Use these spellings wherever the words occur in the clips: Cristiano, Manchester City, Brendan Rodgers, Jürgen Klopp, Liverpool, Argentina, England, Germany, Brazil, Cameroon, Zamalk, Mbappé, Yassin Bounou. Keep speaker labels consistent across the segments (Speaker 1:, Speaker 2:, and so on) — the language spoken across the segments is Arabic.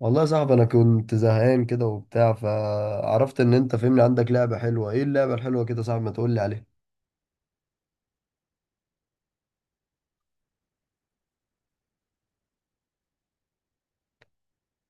Speaker 1: والله يا صاحبي، انا كنت زهقان كده وبتاع، فعرفت ان انت فهمني. عندك لعبة حلوة؟ ايه اللعبة الحلوة كده يا صاحبي؟ ما تقول لي عليها.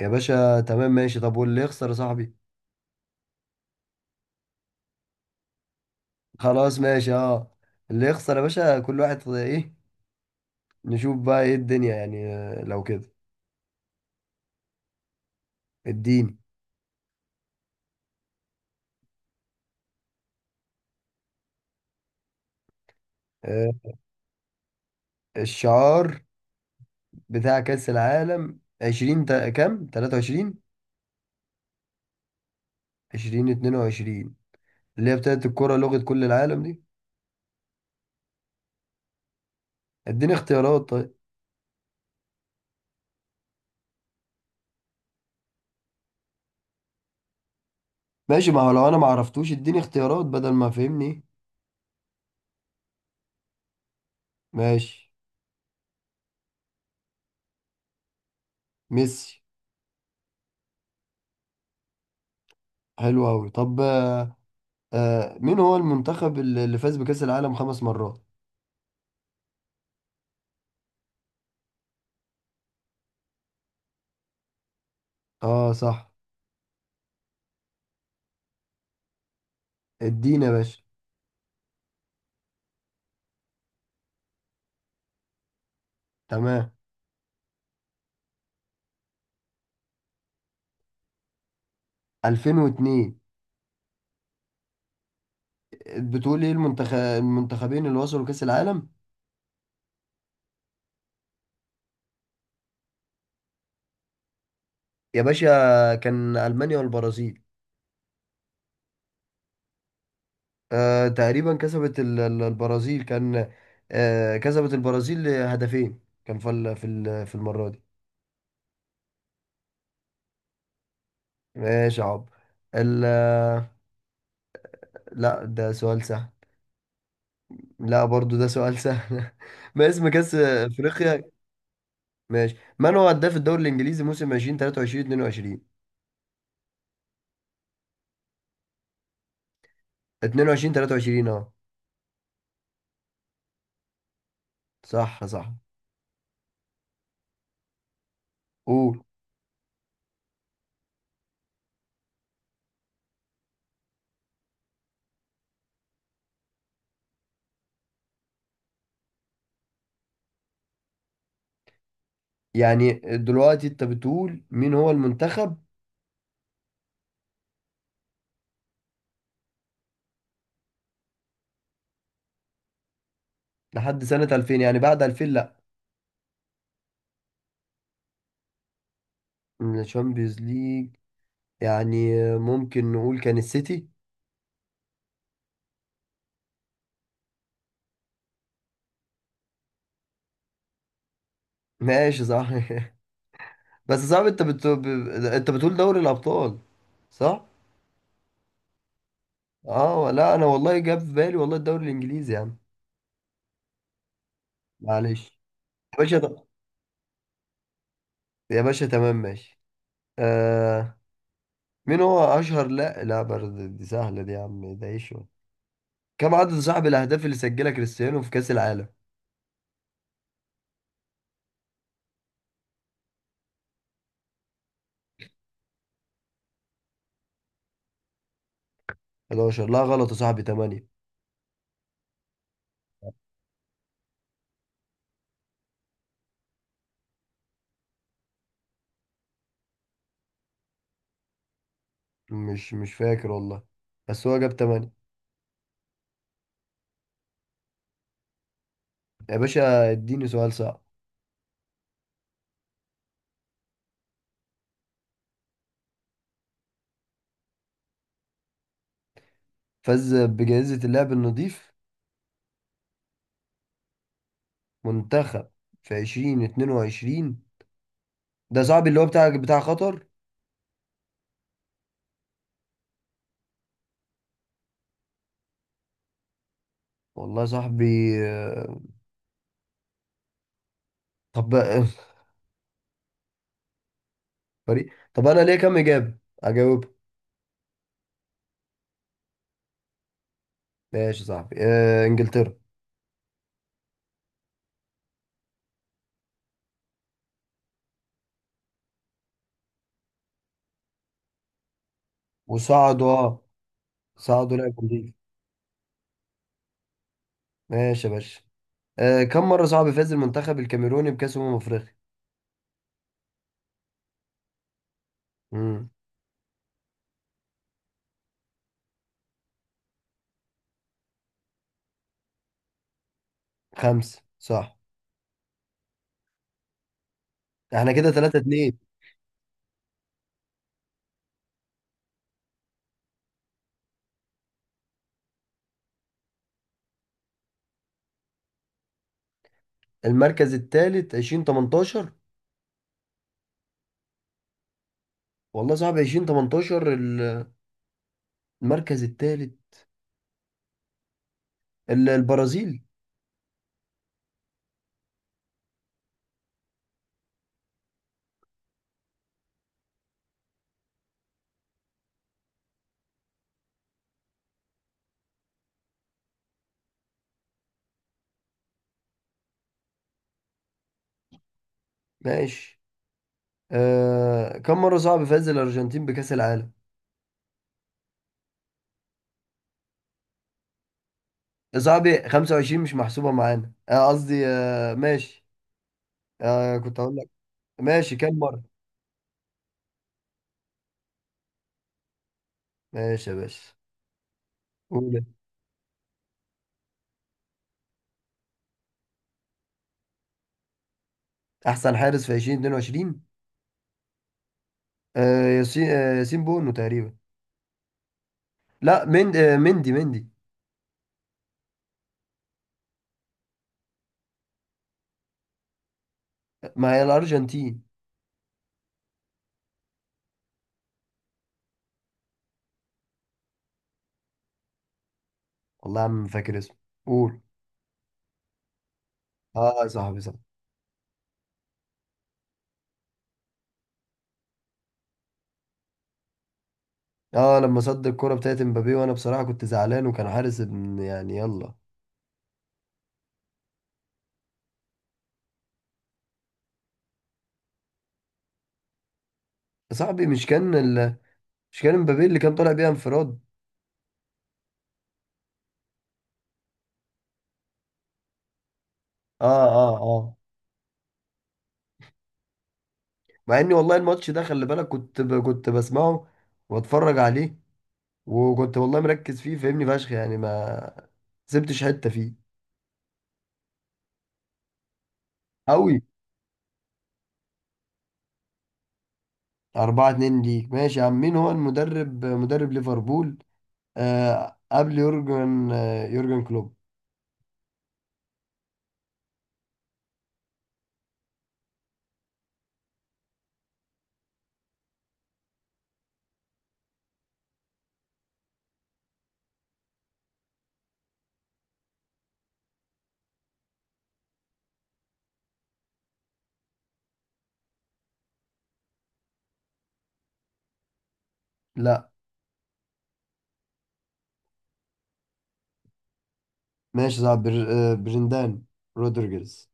Speaker 1: يا باشا، تمام ماشي. طب واللي يخسر يا صاحبي؟ خلاص ماشي. اه. اللي يخسر يا باشا كل واحد ايه. نشوف بقى ايه الدنيا يعني. لو كده. اديني. آه، الشعار بتاع كأس العالم كام 23. 20 22. اللي هي بتاعت الكرة لغة كل العالم دي. اديني اختيارات طيب. ماشي، ما هو لو انا ما عرفتوش اديني اختيارات بدل ما. فهمني. ماشي. ميسي. حلو أوي. طب. آه. مين هو المنتخب اللي فاز بكأس العالم خمس مرات؟ اه، صح. ادينا يا باشا. تمام. 2002. بتقول ايه المنتخبين اللي وصلوا كأس العالم. يا باشا، كان ألمانيا والبرازيل. تقريبا كسبت البرازيل كان. كسبت البرازيل هدفين، كان في المرة دي. ماشي يا عب. ال... لا، ده سؤال سهل. لا، برضو ده سؤال سهل. ما اسم كأس أفريقيا؟ ماشي. من هو هداف الدوري الإنجليزي موسم 2023 22؟ 22 23، اه. صح، صح. قول. يعني دلوقتي انت بتقول مين هو المنتخب؟ لحد سنة 2000، يعني بعد 2000 لا. من الشامبيونز ليج. يعني ممكن نقول كان السيتي. ماشي، صح. بس صعب. انت انت بتقول دوري الأبطال، صح؟ اه، لا انا والله جاب في بالي والله الدوري الإنجليزي يعني. معلش. يا باشا. يا باشا، تمام ماشي. آه. مين هو اشهر لا، لا، برضه دي سهله دي يا عم. ده ايه شو؟ كم عدد صاحب الاهداف اللي سجلها كريستيانو في كاس العالم؟ 11؟ لا، غلط يا صاحبي. 8. مش فاكر والله. بس هو جاب 8. يا باشا، اديني سؤال صعب. فاز بجائزه اللاعب النظيف. منتخب. في 2022. ده صاحبي اللي هو بتاع قطر. والله يا صاحبي. آه. طب. فريق. طب انا ليه كم اجابه؟ اجاوب؟ ماشي يا صاحبي. انجلترا. وصعدوا، اه. صعدوا لعبوا امريكا. ماشي يا باشا. كم مرة صعب فاز المنتخب الكاميروني بكأس أمم أفريقيا؟ امم. خمسة، صح. احنا كده 3-2. المركز الثالث 2018؟ والله صعب. 2018 المركز الثالث. البرازيل. ماشي. كم مرة صعب فاز الأرجنتين بكأس العالم؟ صعب. 25 مش محسوبة معانا. قصدي. ماشي. كنت هقول لك. ماشي، كم مرة؟ ماشي يا باشا. احسن حارس في 2022. ياسين بونو تقريبا. لا، مندي. ما هي الارجنتين. والله يا عم، فاكر اسمه. قول. اه يا صاحبي، صح. اه، لما صد الكرة بتاعت مبابي. وانا بصراحة كنت زعلان، وكان حارس ابن يعني، يلا. يا صاحبي، مش كان مش كان مبابي اللي كان طالع بيها انفراد؟ اه، اه، اه. مع اني والله الماتش ده، خلي بالك، كنت بسمعه، واتفرج عليه. وكنت والله مركز فيه فاهمني فشخ يعني، ما سبتش حتة فيه. قوي. 4-2 ليك. ماشي يا عم، مين هو المدرب؟ مدرب ليفربول. قبل يورجن كلوب. لا. ماشي يا صاحبي. برندان رودريجرز.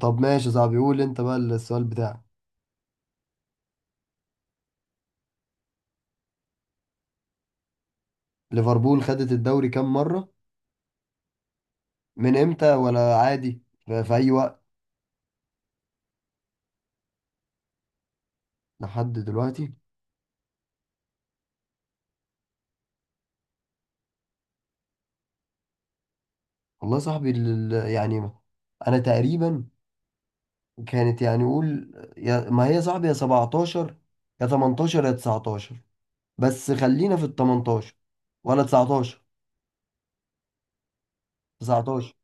Speaker 1: طب ماشي يا صاحبي. قول انت بقى السؤال بتاعك. ليفربول خدت الدوري كام مرة؟ من امتى ولا عادي في اي وقت؟ لحد دلوقتي. والله يا صاحبي، يعني انا تقريبا. كانت يعني، قول. يا ما هي يا صاحبي، يا 17، يا 18، يا 19. بس خلينا في ال 18 ولا 19. 19.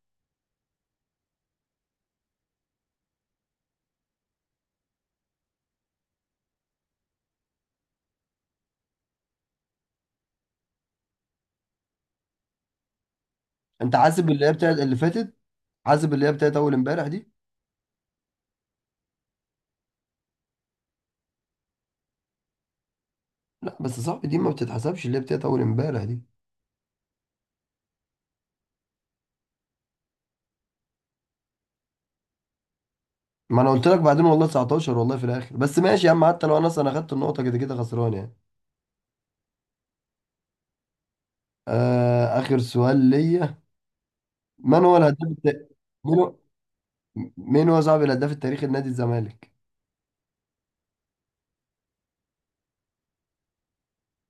Speaker 1: انت حاسب اللي هي بتاعت اللي فاتت؟ حاسب اللي هي بتاعت اول امبارح دي؟ لا، بس صعب دي ما بتتحسبش اللي هي بتاعت اول امبارح دي. ما انا قلت لك بعدين والله 19، والله في الاخر. بس ماشي يا عم، حتى لو انا اصلا اخدت النقطه كده كده خسران يعني. اخر سؤال ليا. من هو الهداف الت... مين هو مين هو صاحب الهداف التاريخي لنادي الزمالك؟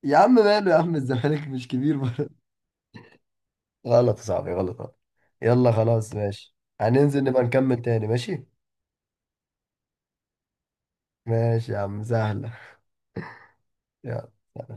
Speaker 1: يا عم، ماله يا عم؟ الزمالك مش كبير برضه؟ غلط يا صاحبي. غلط، غلط. يلا، خلاص ماشي. هننزل نبقى نكمل تاني ماشي. ماشي يا عم، سهلة. يلا.